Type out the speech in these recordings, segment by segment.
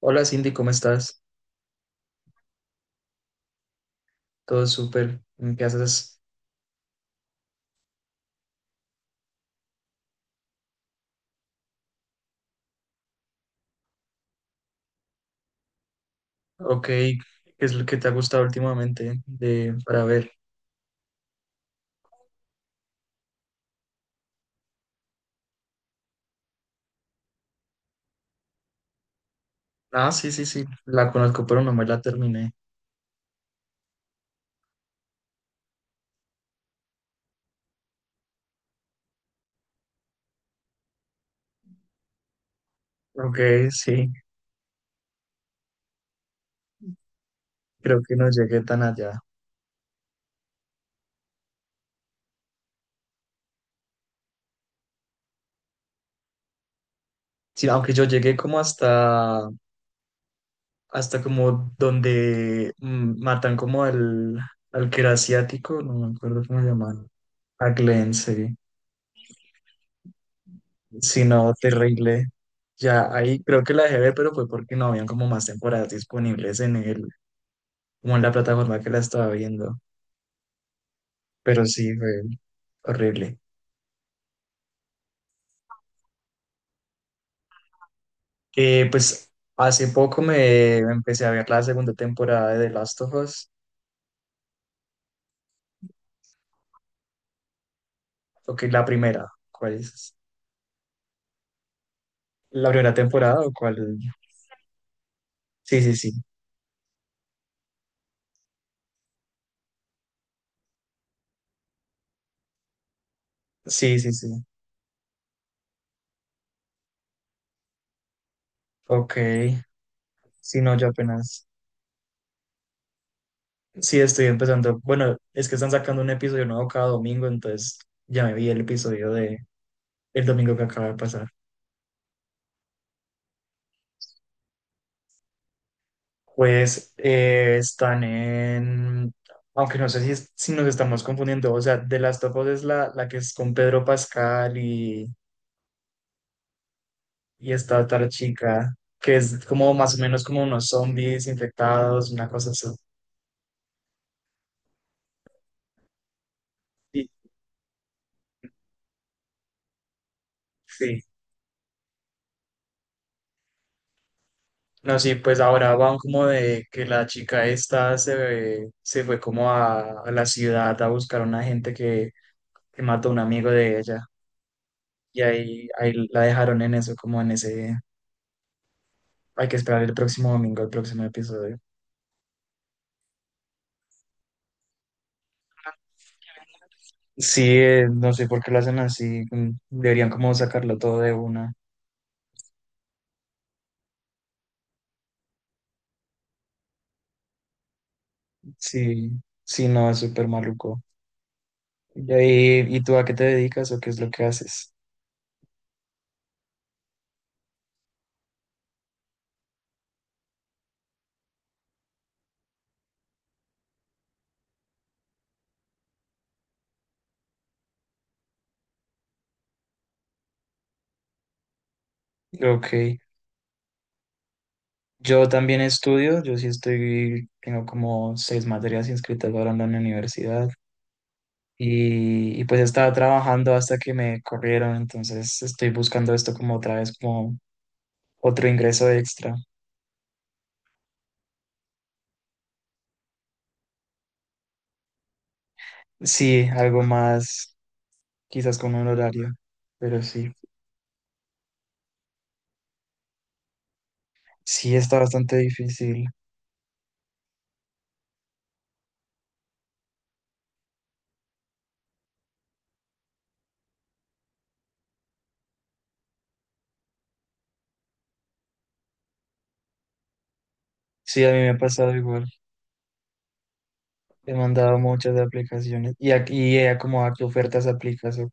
Hola Cindy, ¿cómo estás? Todo súper. ¿Qué haces? Ok, ¿qué es lo que te ha gustado últimamente de, para ver? Ah, sí, sí, sí, la conozco, pero no me la terminé. Ok, sí, creo que no llegué tan allá. Sí, aunque yo llegué como hasta, hasta como donde matan como al, al que era asiático, no me acuerdo cómo llaman, a Glenn, sí. Sí, no, terrible. Ya ahí creo que la dejé ver, pero fue porque no habían como más temporadas disponibles en el, como en la plataforma que la estaba viendo, pero sí, fue horrible. Pues hace poco me empecé a ver la segunda temporada de The Last of Us, o que la primera, ¿cuál es? ¿La primera temporada o cuál? Sí, sí, sí, sí, sí, sí, ok, sí, no, yo apenas, sí, estoy empezando, bueno, es que están sacando un episodio nuevo cada domingo, entonces ya me vi el episodio de el domingo que acaba de pasar. Pues están en, aunque no sé si, si nos estamos confundiendo, o sea, de las of Us es la, la que es con Pedro Pascal y esta otra chica, que es como más o menos como unos zombies infectados, una cosa así. Sí. Sí. No, sí, pues ahora van como de que la chica esta se, se fue como a la ciudad a buscar a una gente que mató a un amigo de ella y ahí, ahí la dejaron en eso, como en ese... Hay que esperar el próximo domingo, el próximo episodio. Sí, no sé por qué lo hacen así. Deberían como sacarlo todo de una. Sí, sí, no, es súper maluco. ¿Y, y tú a qué te dedicas o qué es lo que haces? Ok. Yo también estudio, yo sí estoy, tengo como 6 materias inscritas ahora en la universidad. Y pues estaba trabajando hasta que me corrieron, entonces estoy buscando esto como otra vez, como otro ingreso extra. Sí, algo más, quizás con un horario, pero sí, sí está bastante difícil. Sí, a mí me ha pasado igual. He mandado muchas de aplicaciones y aquí y como a qué ofertas aplicas, ok.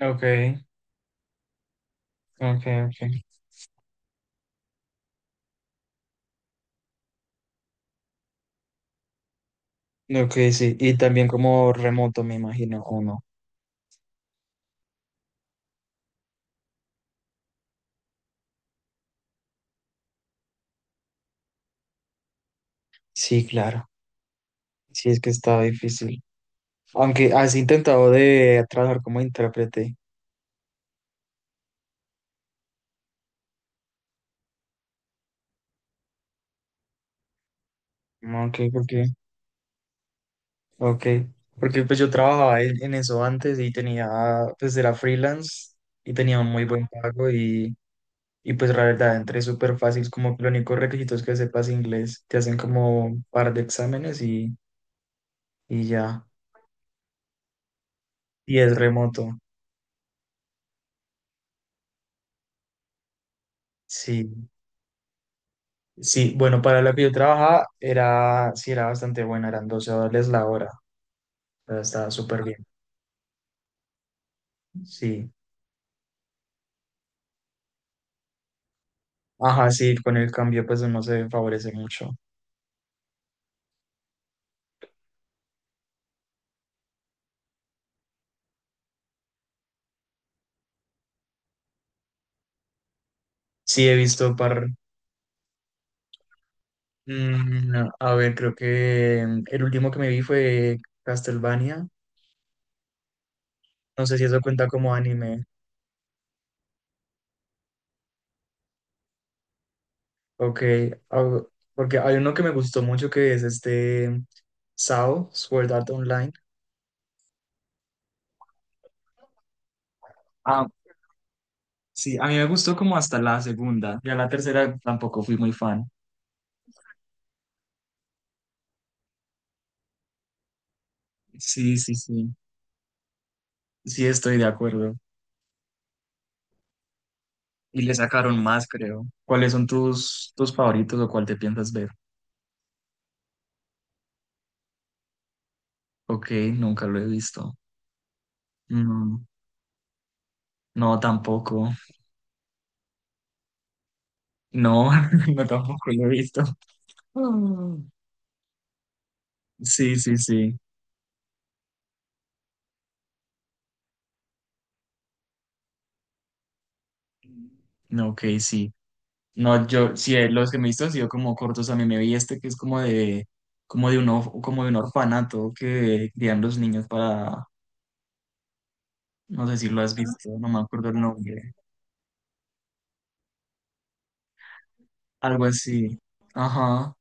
Ok, ok, ok. Ok, sí, y también como remoto, me imagino, o no. Sí, claro. Sí, es que está difícil. Aunque has intentado de trabajar como intérprete. Ok, ¿por qué? Ok. Porque pues yo trabajaba en eso antes y tenía, pues era freelance y tenía un muy buen pago. Y pues la verdad, entré súper fácil, como que los únicos requisitos que sepas inglés, te hacen como un par de exámenes y ya. Y es remoto. Sí, sí, bueno, para lo que yo trabajaba era, sí, era bastante buena, eran $12 la hora, o sea, estaba súper bien, sí. Ajá, sí, con el cambio pues no se favorece mucho. Sí, he visto par, no, a ver, creo que el último que me vi fue Castlevania, no sé si eso cuenta como anime. Ok, ah, porque hay uno que me gustó mucho que es este SAO, Sword Art Online. Ah, sí, a mí me gustó como hasta la segunda. Ya la tercera tampoco fui muy fan. Sí, sí, sí. Sí, estoy de acuerdo. Y le sacaron más, creo. ¿Cuáles son tus, tus favoritos o cuál te piensas ver? Ok, nunca lo he visto. No, no, tampoco. No, no, tampoco lo he visto. Mm. Sí, sí, sí. No, ok, sí. No, yo, sí, los que me he visto han sido como cortos. A mí me vi este que es como de un, como de un orfanato que crían los niños para, no sé si lo has visto, no me acuerdo el nombre. Algo así. Ajá.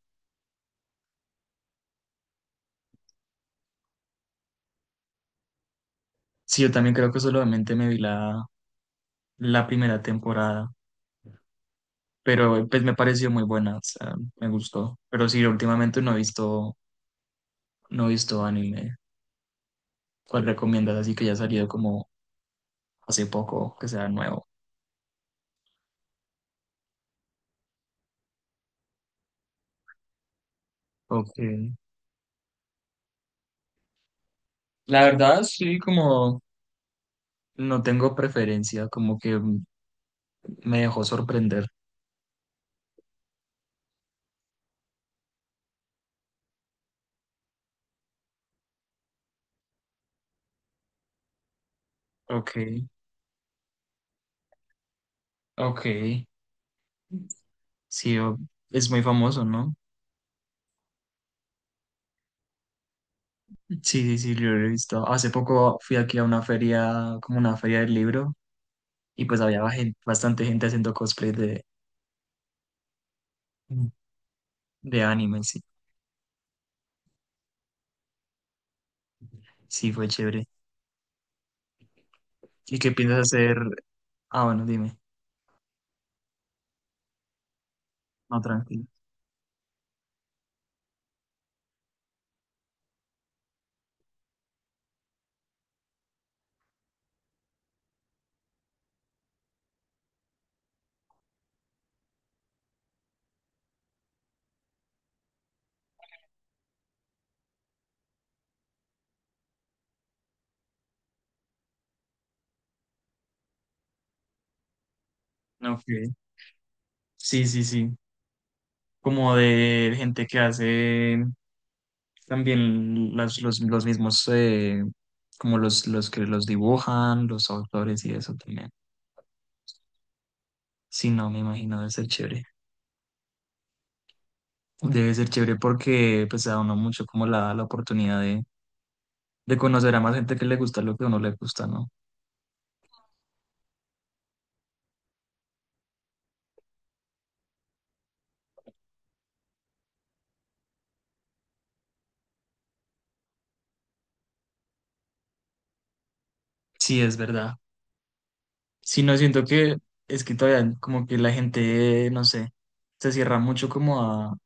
Sí, yo también creo que solamente me vi la, la primera temporada, pero pues me pareció muy buena, o sea, me gustó. Pero sí, últimamente no he visto, no he visto anime. ¿Cuál recomiendas? Así que ya ha salido como hace poco, que sea nuevo. Ok. La verdad, sí, como no tengo preferencia, como que me dejó sorprender. Ok, ok. Sí, o- es muy famoso, ¿no? Sí, sí, sí, yo lo he visto. Hace poco fui aquí a una feria, como una feria del libro, y pues había bastante gente haciendo cosplay de anime, sí. Sí, fue chévere. ¿Y qué piensas hacer? Ah, bueno, dime. No, tranquilo. Ok. Sí, sí, sí. Como de gente que hace también los mismos, como los que los dibujan, los autores y eso también. Sí, no, me imagino, debe ser chévere. Debe ser chévere porque pues da uno mucho como la oportunidad de conocer a más gente que le gusta lo que a uno le gusta, ¿no? Sí, es verdad. Sí, no siento que es que todavía como que la gente, no sé, se cierra mucho como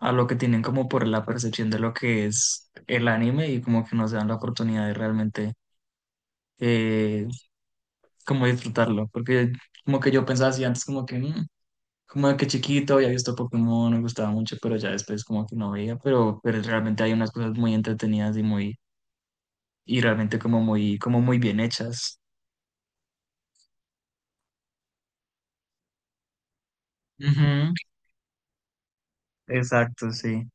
a lo que tienen como por la percepción de lo que es el anime y como que no se dan la oportunidad de realmente eh, como disfrutarlo, porque como que yo pensaba así antes como que, "Mm", como de que chiquito había visto Pokémon, me gustaba mucho, pero ya después como que no veía, pero realmente hay unas cosas muy entretenidas y muy, y realmente como muy bien hechas. Ujú, exacto, sí.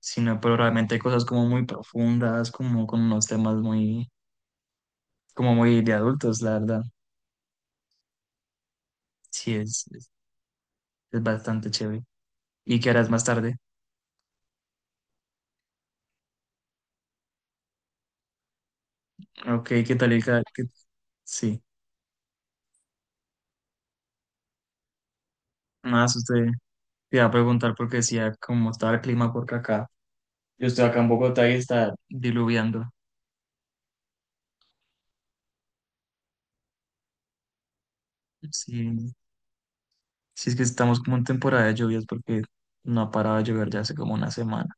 Sino, pero realmente hay cosas como muy profundas, como con unos temas muy, como muy de adultos, la verdad. Sí, es bastante chévere. ¿Y qué harás más tarde? Ok, ¿qué tal? Sí, más usted. Te iba a preguntar porque decía cómo estaba el clima porque acá. Yo estoy acá en Bogotá y está diluviando. Sí, sí es que estamos como en temporada de lluvias porque no ha parado de llover ya hace como una semana.